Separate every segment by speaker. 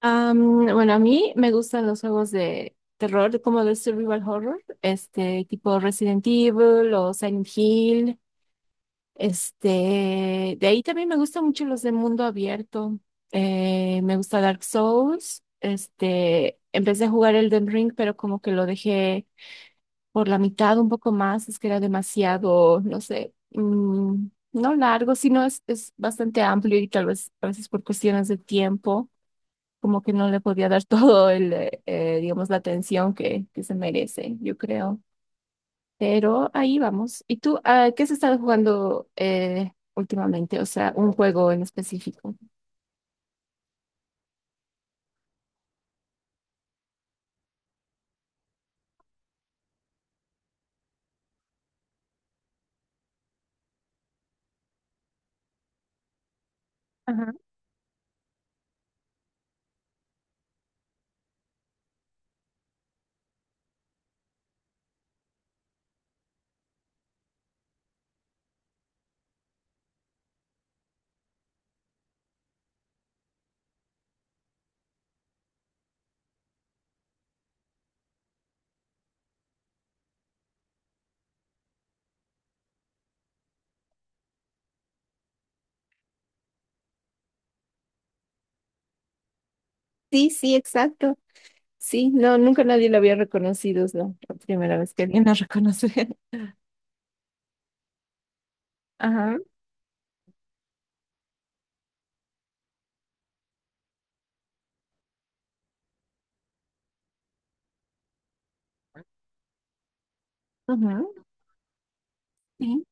Speaker 1: Bueno, a mí me gustan los juegos de terror, como de survival horror, este tipo Resident Evil o Silent Hill. Este, de ahí también me gustan mucho los de mundo abierto. Me gusta Dark Souls. Este, empecé a jugar Elden Ring, pero como que lo dejé por la mitad un poco más, es que era demasiado, no sé, no largo, sino es bastante amplio y tal vez a veces por cuestiones de tiempo como que no le podía dar todo el, digamos, la atención que se merece, yo creo. Pero ahí vamos. ¿Y tú, ah, qué has estado jugando últimamente? O sea, un juego en específico. Ajá. Sí, sí, exacto. Sí, no, nunca nadie lo había reconocido, es la primera vez que alguien lo reconoce. Ajá. Ajá. Sí.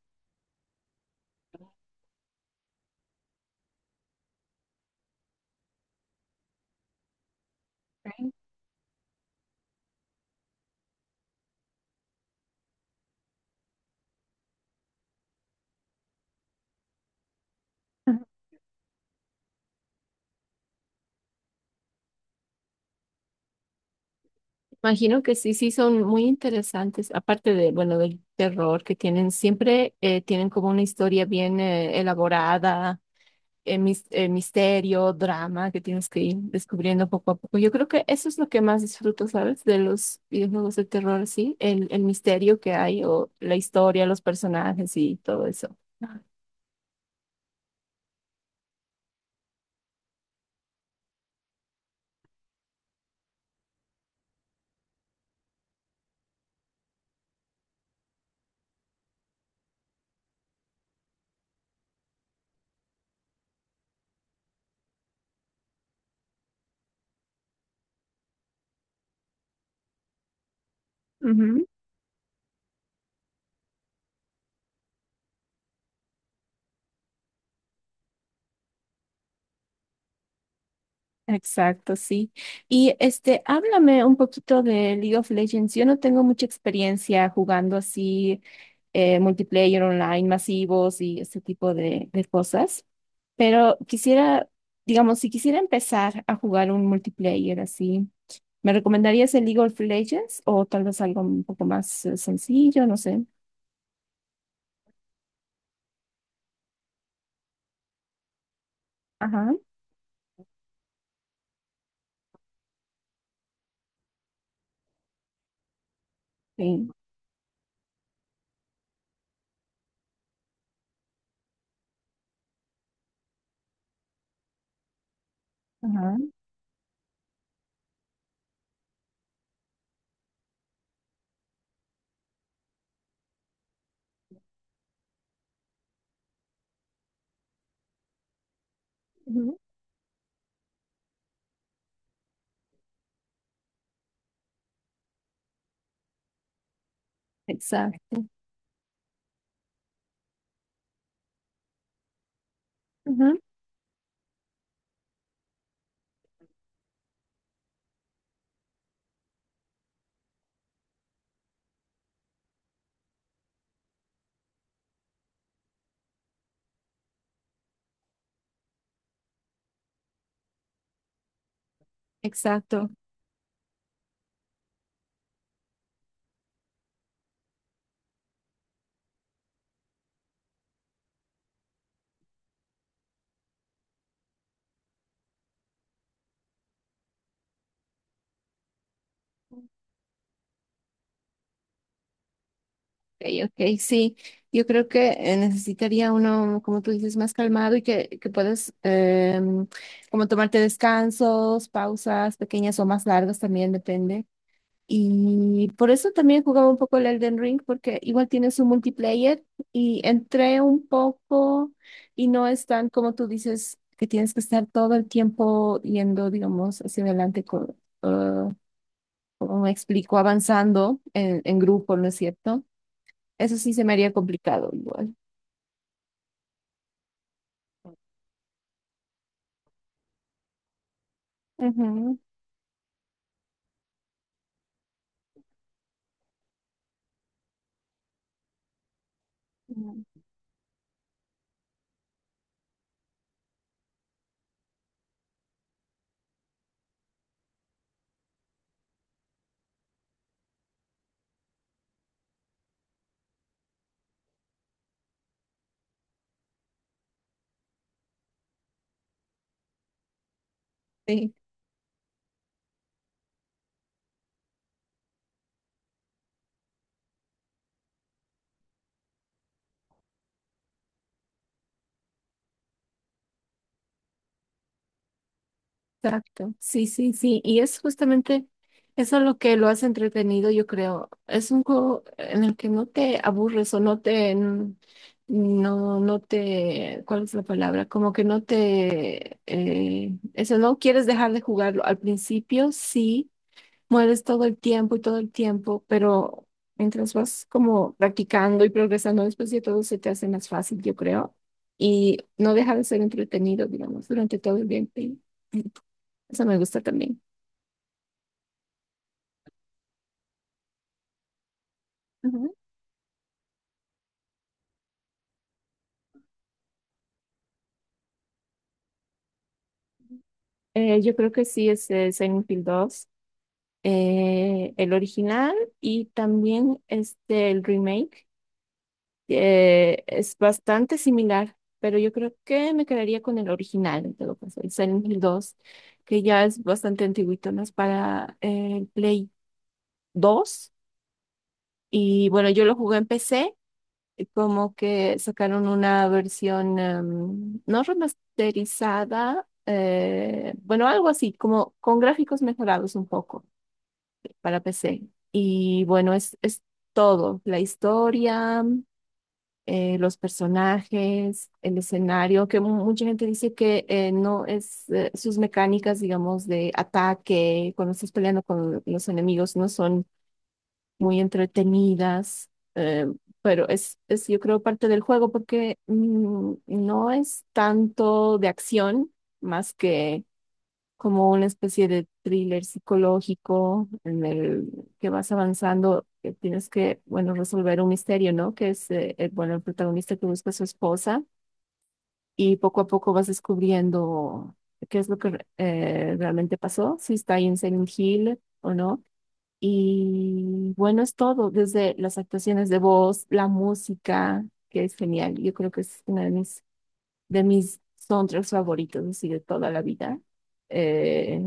Speaker 1: Imagino que sí, sí, son muy interesantes. Aparte de, bueno, del terror que tienen, siempre tienen como una historia bien elaborada, misterio, drama que tienes que ir descubriendo poco a poco. Yo creo que eso es lo que más disfruto, ¿sabes? De los videojuegos de terror, sí, el misterio que hay o la historia, los personajes y todo eso. Ujú. Exacto, sí. Y este, háblame un poquito de League of Legends. Yo no tengo mucha experiencia jugando así multiplayer online masivos y este tipo de cosas. Pero quisiera, digamos, si quisiera empezar a jugar un multiplayer así, ¿me recomendarías el League of Legends o tal vez algo un poco más sencillo? No sé. Ajá, sí, ajá, ujú. Exacto. Ujú. Exacto. Ok, ok, sí, yo creo que necesitaría uno, como tú dices, más calmado y que puedas como tomarte descansos, pausas pequeñas o más largas también depende. Y por eso también jugaba un poco el Elden Ring porque igual tiene su multiplayer y entré un poco y no es tan como tú dices que tienes que estar todo el tiempo yendo, digamos, hacia adelante con, eh, como me explico, avanzando en grupo, ¿no es cierto? Eso sí se me haría complicado igual. Ujú, ujú. Sí, exacto. Sí, sí, sí. Y es justamente eso lo que lo hace entretenido, yo creo. Es un juego en el que no te aburres o no te, no, no te, ¿cuál es la palabra? Como que no te, eso, no quieres dejar de jugarlo. Al principio sí. Mueres todo el tiempo y todo el tiempo, pero mientras vas como practicando y progresando, después de todo se te hace más fácil, yo creo, y no deja de ser entretenido, digamos, durante todo el gameplay. Eso me gusta también. Ujú. Yo creo que sí es Silent Hill 2, el original y también este, el remake. Es bastante similar, pero yo creo que me quedaría con el original, en todo caso, el Silent Hill 2, que ya es bastante antiguito, ¿no? Es para el Play 2. Y bueno, yo lo jugué en PC, y como que sacaron una versión no remasterizada, bueno, algo así, como con gráficos mejorados un poco para PC. Y bueno, es todo, la historia. Los personajes, el escenario, que mucha gente dice que no es sus mecánicas, digamos, de ataque, cuando estás peleando con los enemigos, no son muy entretenidas, pero es, yo creo, parte del juego porque no es tanto de acción, más que como una especie de thriller psicológico en el que vas avanzando, que tienes que, bueno, resolver un misterio, ¿no? Que es, bueno, el protagonista que busca a su esposa y poco a poco vas descubriendo qué es lo que realmente pasó, si está ahí en Silent Hill o no. Y bueno, es todo, desde las actuaciones de voz, la música, que es genial. Yo creo que es una de mis soundtracks favoritos, así de toda la vida. Eh,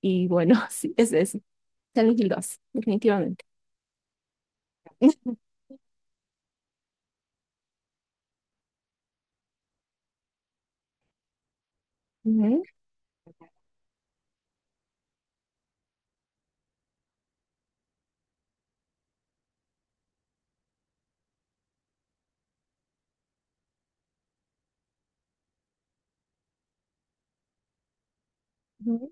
Speaker 1: y bueno, sí, es eso. Silent Hill 2, definitivamente. Ujú, ujú,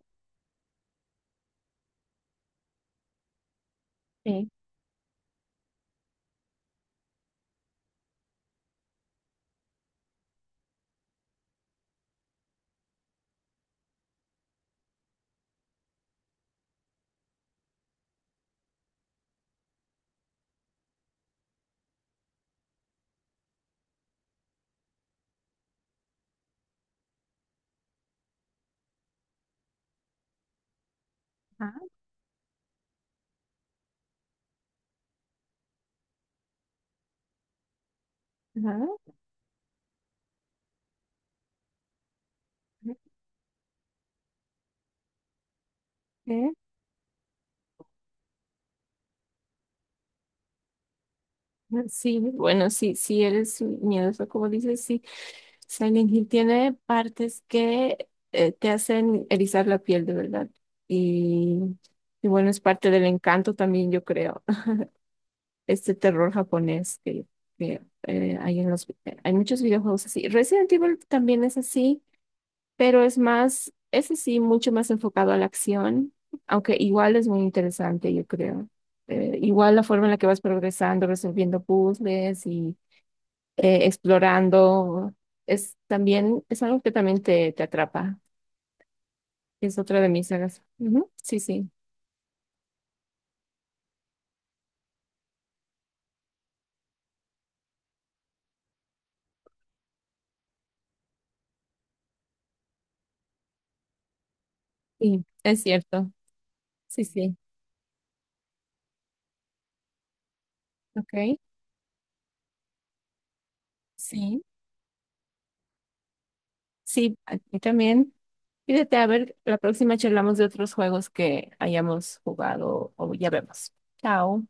Speaker 1: sí. Ajá, ajá, ujú, eh, ujú. Sí, bueno, sí, sí eres miedoso, como dices, sí. Silent Hill tiene partes que te hacen erizar la piel, de verdad. Y, y bueno, es parte del encanto también, yo creo. Este terror japonés que, eh, hay en los, hay muchos videojuegos así. Resident Evil también es así, pero es más, es así, mucho más enfocado a la acción, aunque igual es muy interesante, yo creo. Igual la forma en la que vas progresando, resolviendo puzzles y explorando, es también, es algo que también te atrapa. Es otra de mis sagas. Ujú. Sí, sí, sí, es cierto. Sí, sí. Ok. Sí. Sí, a mí también. Fíjate, a ver, la próxima charlamos de otros juegos que hayamos jugado o ya vemos. Chao.